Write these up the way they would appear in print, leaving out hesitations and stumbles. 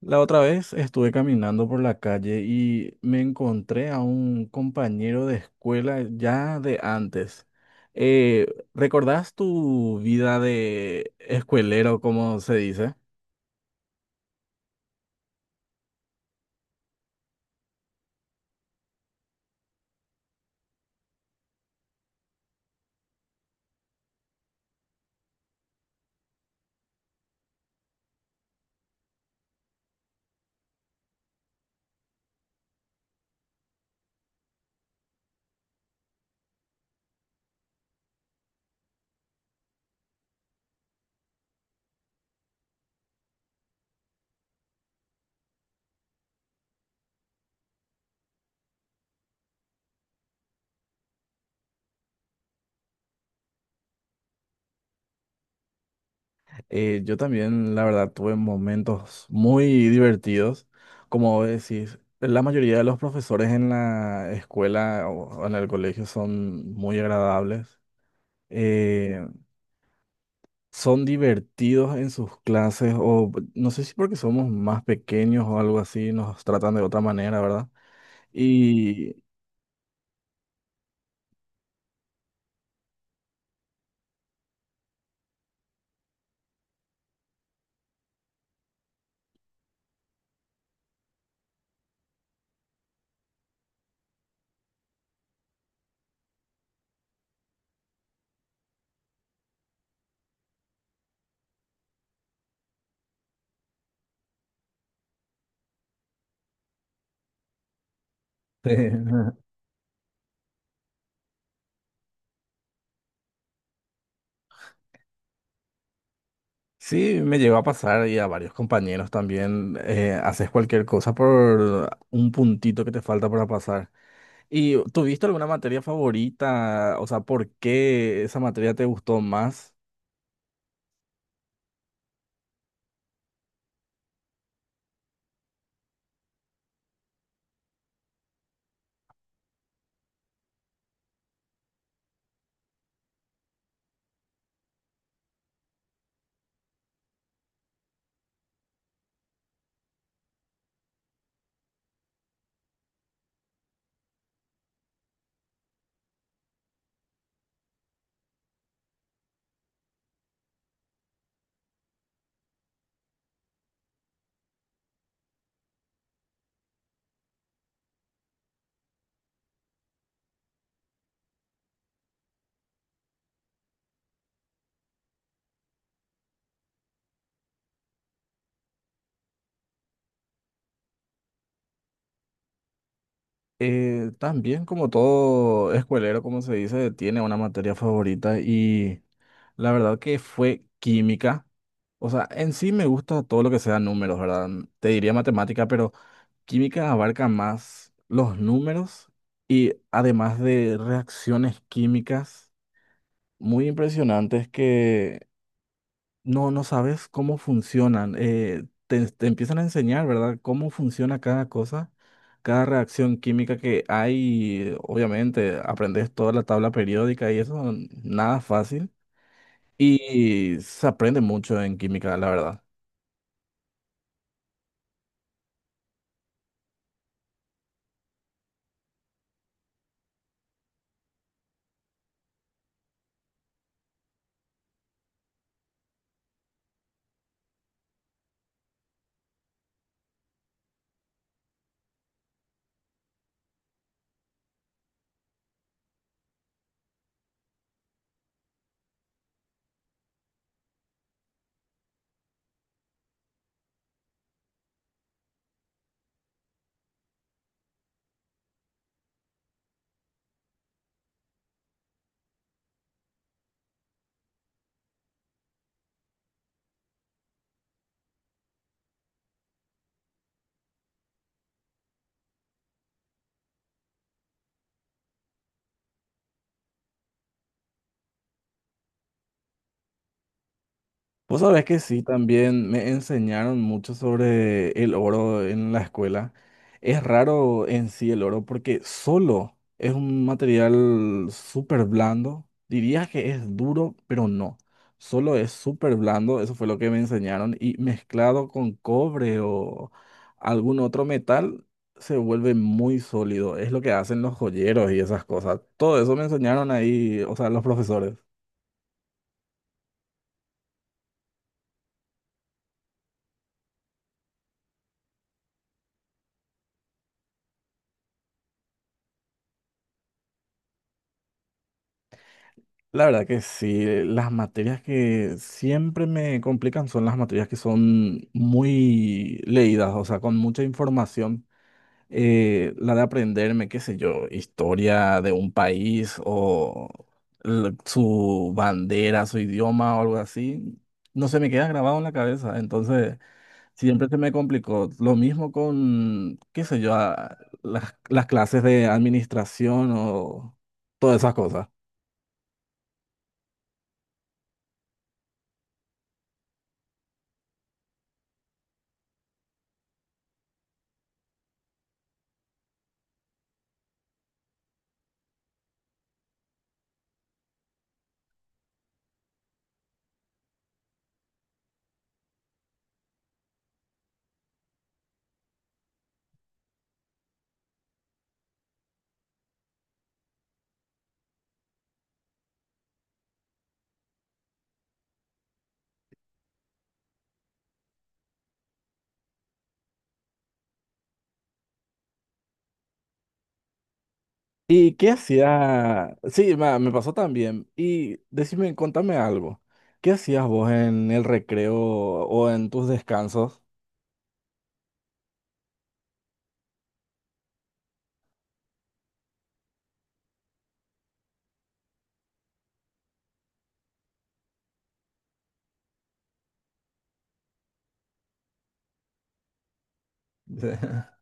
La otra vez estuve caminando por la calle y me encontré a un compañero de escuela ya de antes. Eh, ¿Recordás tu vida de escuelero, como se dice? Yo también, la verdad, tuve momentos muy divertidos. Como vos decís, la mayoría de los profesores en la escuela o en el colegio son muy agradables. Eh, Son divertidos en sus clases o no sé si porque somos más pequeños o algo así, nos tratan de otra manera, ¿verdad? Y sí, me llegó a pasar y a varios compañeros también, haces cualquier cosa por un puntito que te falta para pasar. ¿Y tuviste alguna materia favorita? O sea, ¿por qué esa materia te gustó más? También como todo escuelero, como se dice, tiene una materia favorita y la verdad que fue química. O sea, en sí me gusta todo lo que sea números, ¿verdad? Te diría matemática, pero química abarca más los números y además de reacciones químicas muy impresionantes que no sabes cómo funcionan. Te empiezan a enseñar, ¿verdad? Cómo funciona cada cosa, cada reacción química que hay. Obviamente, aprendes toda la tabla periódica y eso, nada fácil. Y se aprende mucho en química, la verdad. Vos sabés que sí, también me enseñaron mucho sobre el oro en la escuela. Es raro en sí el oro porque solo es un material súper blando. Diría que es duro, pero no. Solo es súper blando, eso fue lo que me enseñaron. Y mezclado con cobre o algún otro metal, se vuelve muy sólido. Es lo que hacen los joyeros y esas cosas. Todo eso me enseñaron ahí, o sea, los profesores. La verdad que sí, las materias que siempre me complican son las materias que son muy leídas, o sea, con mucha información. La de aprenderme, qué sé yo, historia de un país o su bandera, su idioma o algo así, no se me queda grabado en la cabeza. Entonces, siempre se me complicó. Lo mismo con, qué sé yo, las clases de administración o todas esas cosas. ¿Y qué hacía? Sí, me pasó también. Y decime, contame algo. ¿Qué hacías vos en el recreo o en tus descansos? De-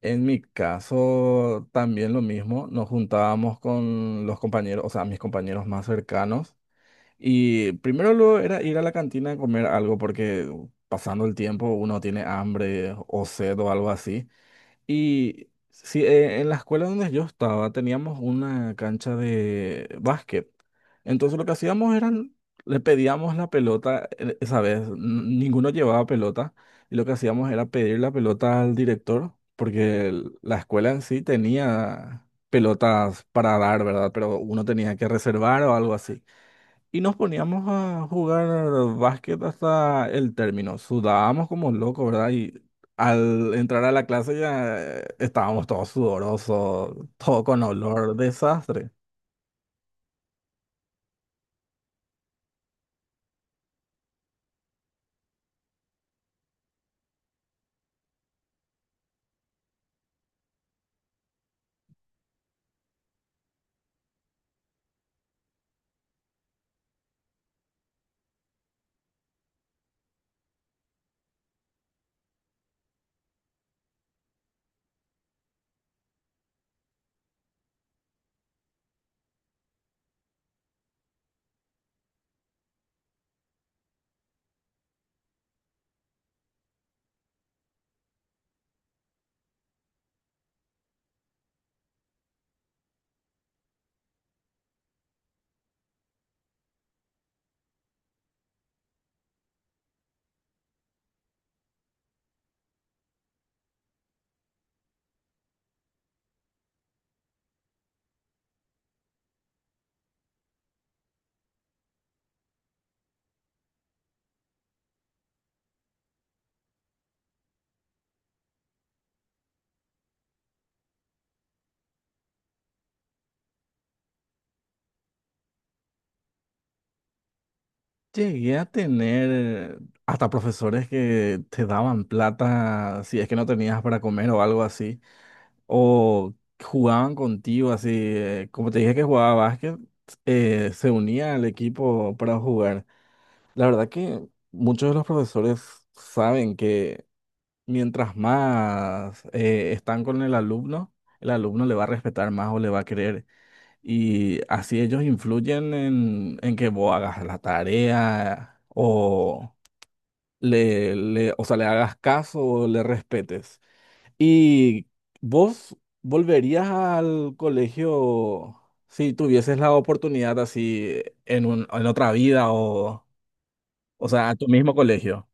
En mi caso, también lo mismo. Nos juntábamos con los compañeros, o sea, mis compañeros más cercanos. Y primero lo era ir a la cantina a comer algo porque pasando el tiempo uno tiene hambre o sed o algo así. Y sí, en la escuela donde yo estaba teníamos una cancha de básquet. Entonces lo que hacíamos era, le pedíamos la pelota, esa vez ninguno llevaba pelota, y lo que hacíamos era pedir la pelota al director, porque la escuela en sí tenía pelotas para dar, ¿verdad? Pero uno tenía que reservar o algo así. Y nos poníamos a jugar básquet hasta el término. Sudábamos como locos, ¿verdad? Y al entrar a la clase ya estábamos todos sudorosos, todo con olor, desastre. Llegué a tener hasta profesores que te daban plata si es que no tenías para comer o algo así. O jugaban contigo así. Como te dije que jugaba básquet, se unía al equipo para jugar. La verdad que muchos de los profesores saben que mientras más están con el alumno le va a respetar más o le va a querer. Y así ellos influyen en que vos hagas la tarea o o sea, le hagas caso o le respetes. ¿Y vos volverías al colegio si tuvieses la oportunidad así en otra vida o sea, a tu mismo colegio?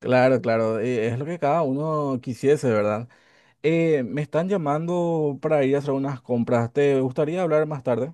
Claro, claro, es lo que cada uno quisiese, ¿verdad? Me están llamando para ir a hacer unas compras. ¿Te gustaría hablar más tarde?